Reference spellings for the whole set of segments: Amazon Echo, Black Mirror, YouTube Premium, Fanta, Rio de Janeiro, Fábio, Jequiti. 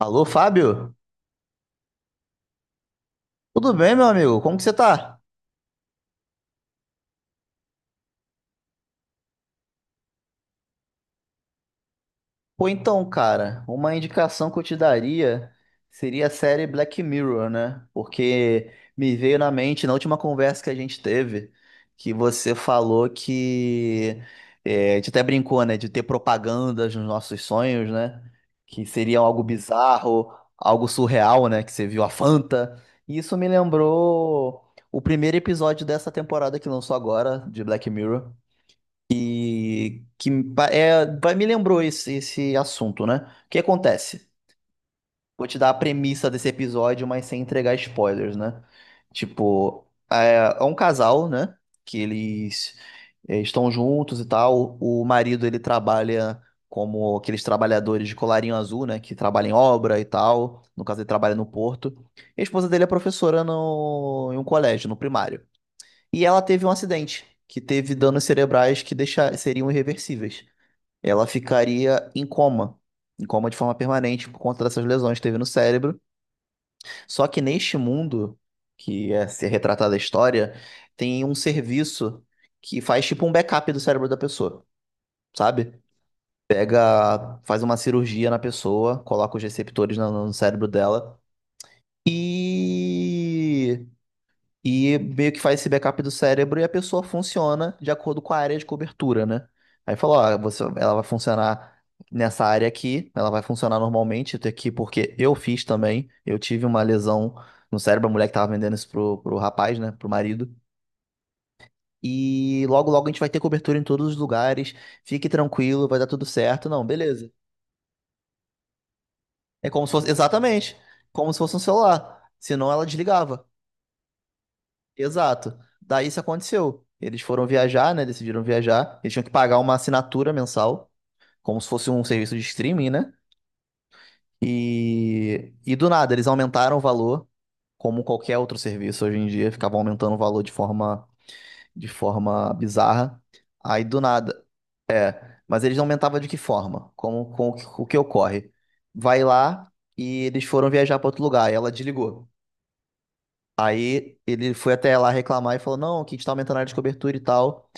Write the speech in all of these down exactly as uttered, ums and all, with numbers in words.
Alô, Fábio? Tudo bem, meu amigo? Como que você tá? Pô, então, cara, uma indicação que eu te daria seria a série Black Mirror, né? Porque me veio na mente, na última conversa que a gente teve, que você falou que... é, a gente até brincou, né? De ter propagandas nos nossos sonhos, né? Que seria algo bizarro, algo surreal, né? Que você viu a Fanta. E isso me lembrou o primeiro episódio dessa temporada que lançou agora, de Black Mirror. E que me pa- é, vai- Me lembrou esse, esse assunto, né? O que acontece? Vou te dar a premissa desse episódio, mas sem entregar spoilers, né? Tipo, é, é um casal, né? Que eles é, estão juntos e tal. O marido, ele trabalha como aqueles trabalhadores de colarinho azul, né? Que trabalham em obra e tal. No caso, ele trabalha no porto. E a esposa dele é professora no, em um colégio, no primário. E ela teve um acidente, que teve danos cerebrais que deixa, seriam irreversíveis. Ela ficaria em coma, em coma de forma permanente por conta dessas lesões que teve no cérebro. Só que neste mundo, que é ser retratada a história, tem um serviço que faz tipo um backup do cérebro da pessoa, sabe? Pega, faz uma cirurgia na pessoa, coloca os receptores no, no cérebro dela e e meio que faz esse backup do cérebro e a pessoa funciona de acordo com a área de cobertura, né? Aí falou, ó, você, ela vai funcionar nessa área aqui, ela vai funcionar normalmente até aqui, porque eu fiz também, eu tive uma lesão no cérebro, a mulher que tava vendendo isso pro, pro rapaz, né, pro marido. E logo, logo a gente vai ter cobertura em todos os lugares, fique tranquilo, vai dar tudo certo. Não, beleza. É como se fosse, exatamente, como se fosse um celular. Senão ela desligava. Exato. Daí isso aconteceu. Eles foram viajar, né? Decidiram viajar. Eles tinham que pagar uma assinatura mensal, como se fosse um serviço de streaming, né? E, e do nada, eles aumentaram o valor, como qualquer outro serviço hoje em dia, ficavam aumentando o valor de forma, de forma bizarra. Aí do nada. Mas eles aumentavam de que forma? Como, com o que o que ocorre? Vai lá e eles foram viajar para outro lugar. E ela desligou. Aí ele foi até lá reclamar e falou: Não, que a gente tá aumentando a área de cobertura e tal.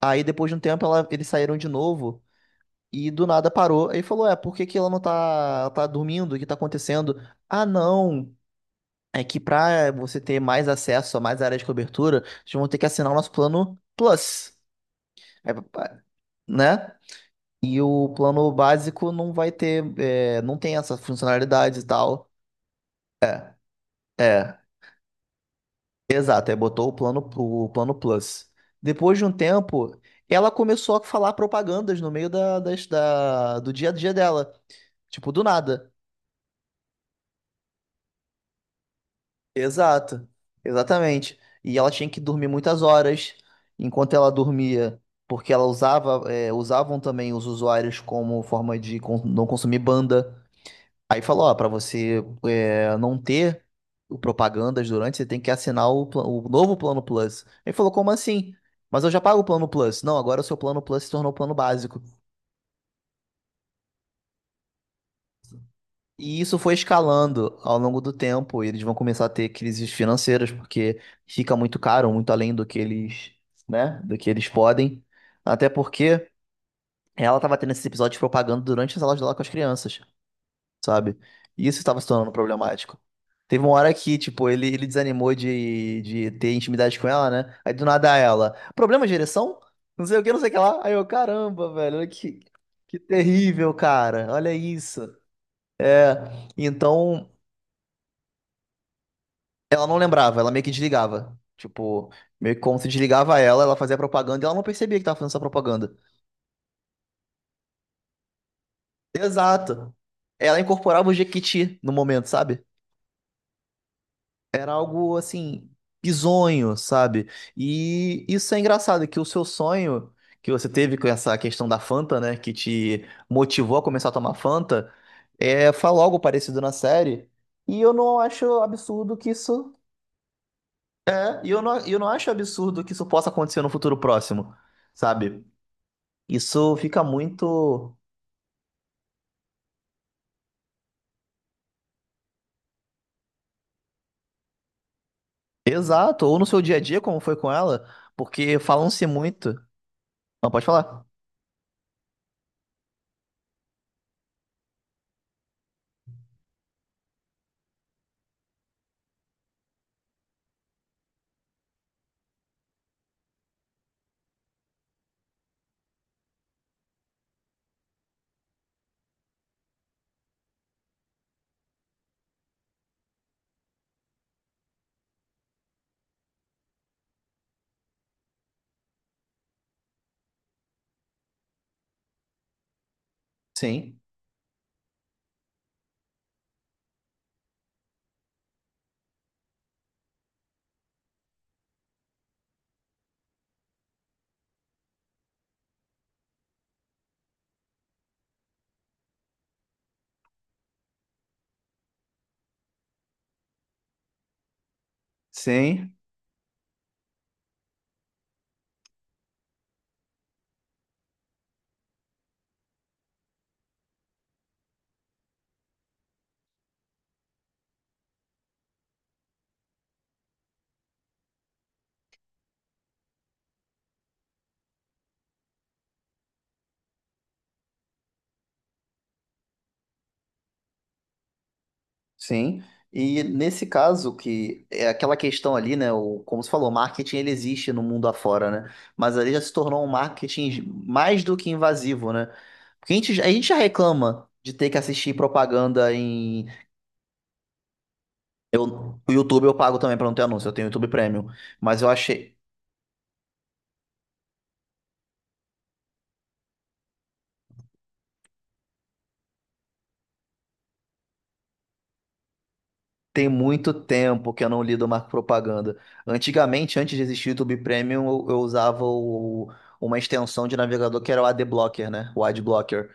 Aí depois de um tempo ela- eles saíram de novo e do nada parou. Aí falou: É, por que que ela não tá, ela tá dormindo? O que tá acontecendo? Ah, não. É que pra você ter mais acesso a mais áreas de cobertura, vocês vão ter que assinar o nosso plano Plus. É, pa- né? E o plano básico não vai ter, é, não tem essa funcionalidade e tal. É. Exato, aí botou o plano, Plu- o plano Plus. Depois de um tempo, ela começou a falar propagandas no meio da, das- da- do dia a dia dela. Tipo, do nada. Exato, exatamente. E ela tinha que dormir muitas horas. Enquanto ela dormia, porque ela usava, é, usavam também os usuários como forma de con- não consumir banda. Aí falou, ó, para você é, não ter o propagandas durante, você tem que assinar o, pla- o novo plano Plus. Ele falou, como assim? Mas eu já pago o plano Plus. Não, agora o seu plano Plus se tornou o plano básico. E isso foi escalando ao longo do tempo. E eles vão começar a ter crises financeiras, porque fica muito caro, muito além do que eles, né, do que eles podem. Até porque ela estava tendo esse episódio de propaganda durante as aulas dela com as crianças. Sabe? E isso estava se tornando problemático. Teve uma hora que, tipo, ele, ele desanimou de, de ter intimidade com ela, né? Aí do nada ela, problema de ereção? Não sei o que, não sei o que lá. Aí eu, caramba, velho, olha que, que terrível, cara. Olha isso. É, então ela não lembrava, ela meio que desligava. Tipo, meio que como se desligava ela, ela fazia propaganda e ela não percebia que tava fazendo essa propaganda. Exato. Ela incorporava o Jequiti no momento, sabe? Era algo assim, bizonho, sabe? E isso é engraçado, que o seu sonho que você teve com essa questão da Fanta, né, que te motivou a começar a tomar Fanta, é, fala algo parecido na série. E eu não acho absurdo que isso. É, e eu não, e eu não acho absurdo que isso possa acontecer no futuro próximo, sabe? Isso fica muito. Exato, ou no seu dia a dia, como foi com ela, porque falam-se muito. Não, pode falar. Sim, sim. Sim, e nesse caso que é aquela questão ali, né, o, como você falou, o marketing ele existe no mundo afora, né? Mas ali já se tornou um marketing mais do que invasivo, né? Porque a gente, já- a gente já reclama de ter que assistir propaganda em, eu, o YouTube eu pago também pra não ter anúncio, eu tenho YouTube Premium, mas eu achei tem muito tempo que eu não lido mais com propaganda. Antigamente, antes de existir o YouTube Premium, eu, eu usava o- uma extensão de navegador que era o ad blocker, né? O ad blocker.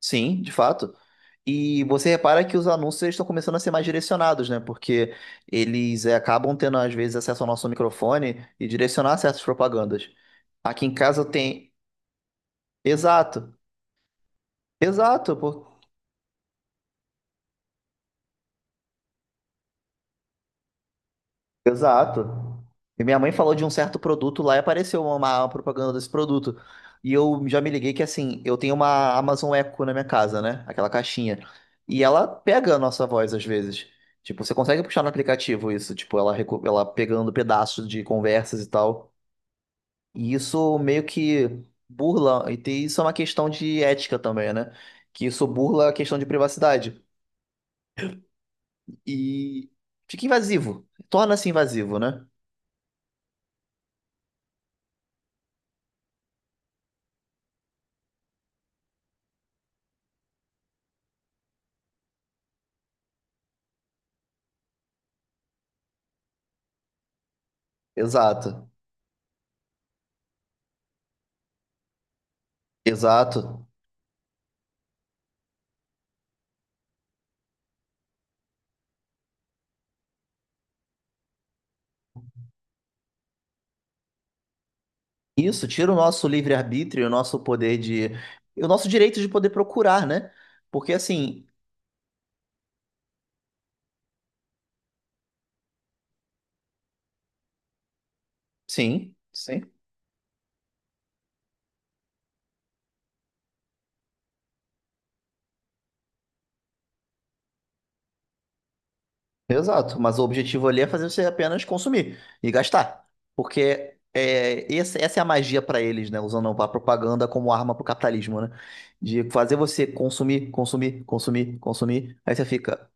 Sim, de fato. E você repara que os anúncios eles estão começando a ser mais direcionados, né? Porque eles eh, acabam tendo, às vezes, acesso ao nosso microfone e direcionar certas propagandas. Aqui em casa tem. Exato, exato. Exato. E minha mãe falou de um certo produto lá e apareceu uma, uma propaganda desse produto. E eu já me liguei que assim, eu tenho uma Amazon Echo na minha casa, né? Aquela caixinha. E ela pega a nossa voz às vezes. Tipo, você consegue puxar no aplicativo isso, tipo, ela, recu- ela pegando pedaços de conversas e tal. E isso meio que burla, e tem- isso é uma questão de ética também, né? Que isso burla a questão de privacidade. E fica invasivo. Torna-se invasivo, né? Exato. Exato. Isso tira o nosso livre-arbítrio, o nosso poder de. O nosso direito de poder procurar, né? Porque assim, sim, sim, exato. Mas o objetivo ali é fazer você apenas consumir e gastar. Porque é, esse- essa é a magia para eles, né? Usando a propaganda como arma pro capitalismo, né? De fazer você consumir, consumir, consumir, consumir. Aí você fica.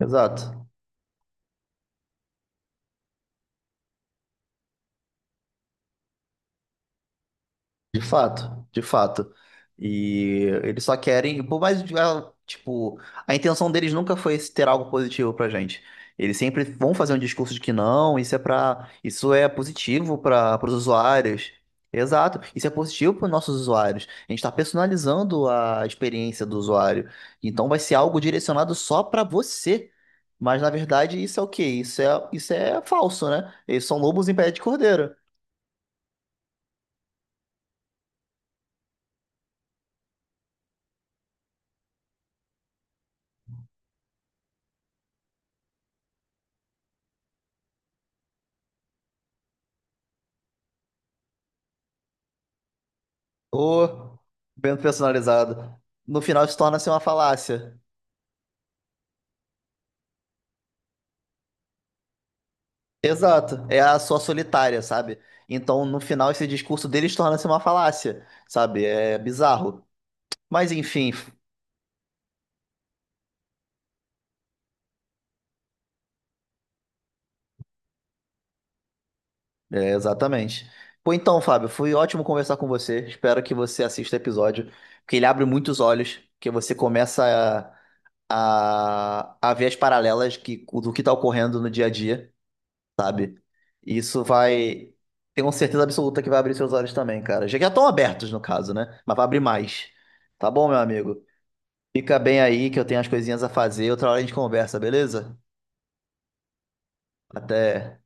Exato. De fato, de fato. E eles só querem, por mais, que, ah, tipo, a intenção deles nunca foi esse ter algo positivo pra gente. Eles sempre vão fazer um discurso de que não, isso é para, isso é positivo para os usuários. Exato, isso é positivo para os nossos usuários. A gente está personalizando a experiência do usuário. Então vai ser algo direcionado só para você. Mas na verdade isso é o quê? Isso é, isso é falso, né? Eles são lobos em pé de cordeiro. O vento personalizado. No final isso torna-se uma falácia. Exato. É a sua solitária, sabe? Então, no final, esse discurso deles torna-se uma falácia, sabe? É bizarro. Mas, enfim, é, exatamente. Pô, então, Fábio, foi ótimo conversar com você. Espero que você assista o episódio, porque ele abre muitos olhos, que você começa a, a, a ver as paralelas que, do que está ocorrendo no dia a dia. Sabe? E isso vai. Tenho certeza absoluta que vai abrir seus olhos também, cara. Já que já estão abertos, no caso, né? Mas vai abrir mais. Tá bom, meu amigo? Fica bem aí que eu tenho as coisinhas a fazer. Outra hora a gente conversa, beleza? Até.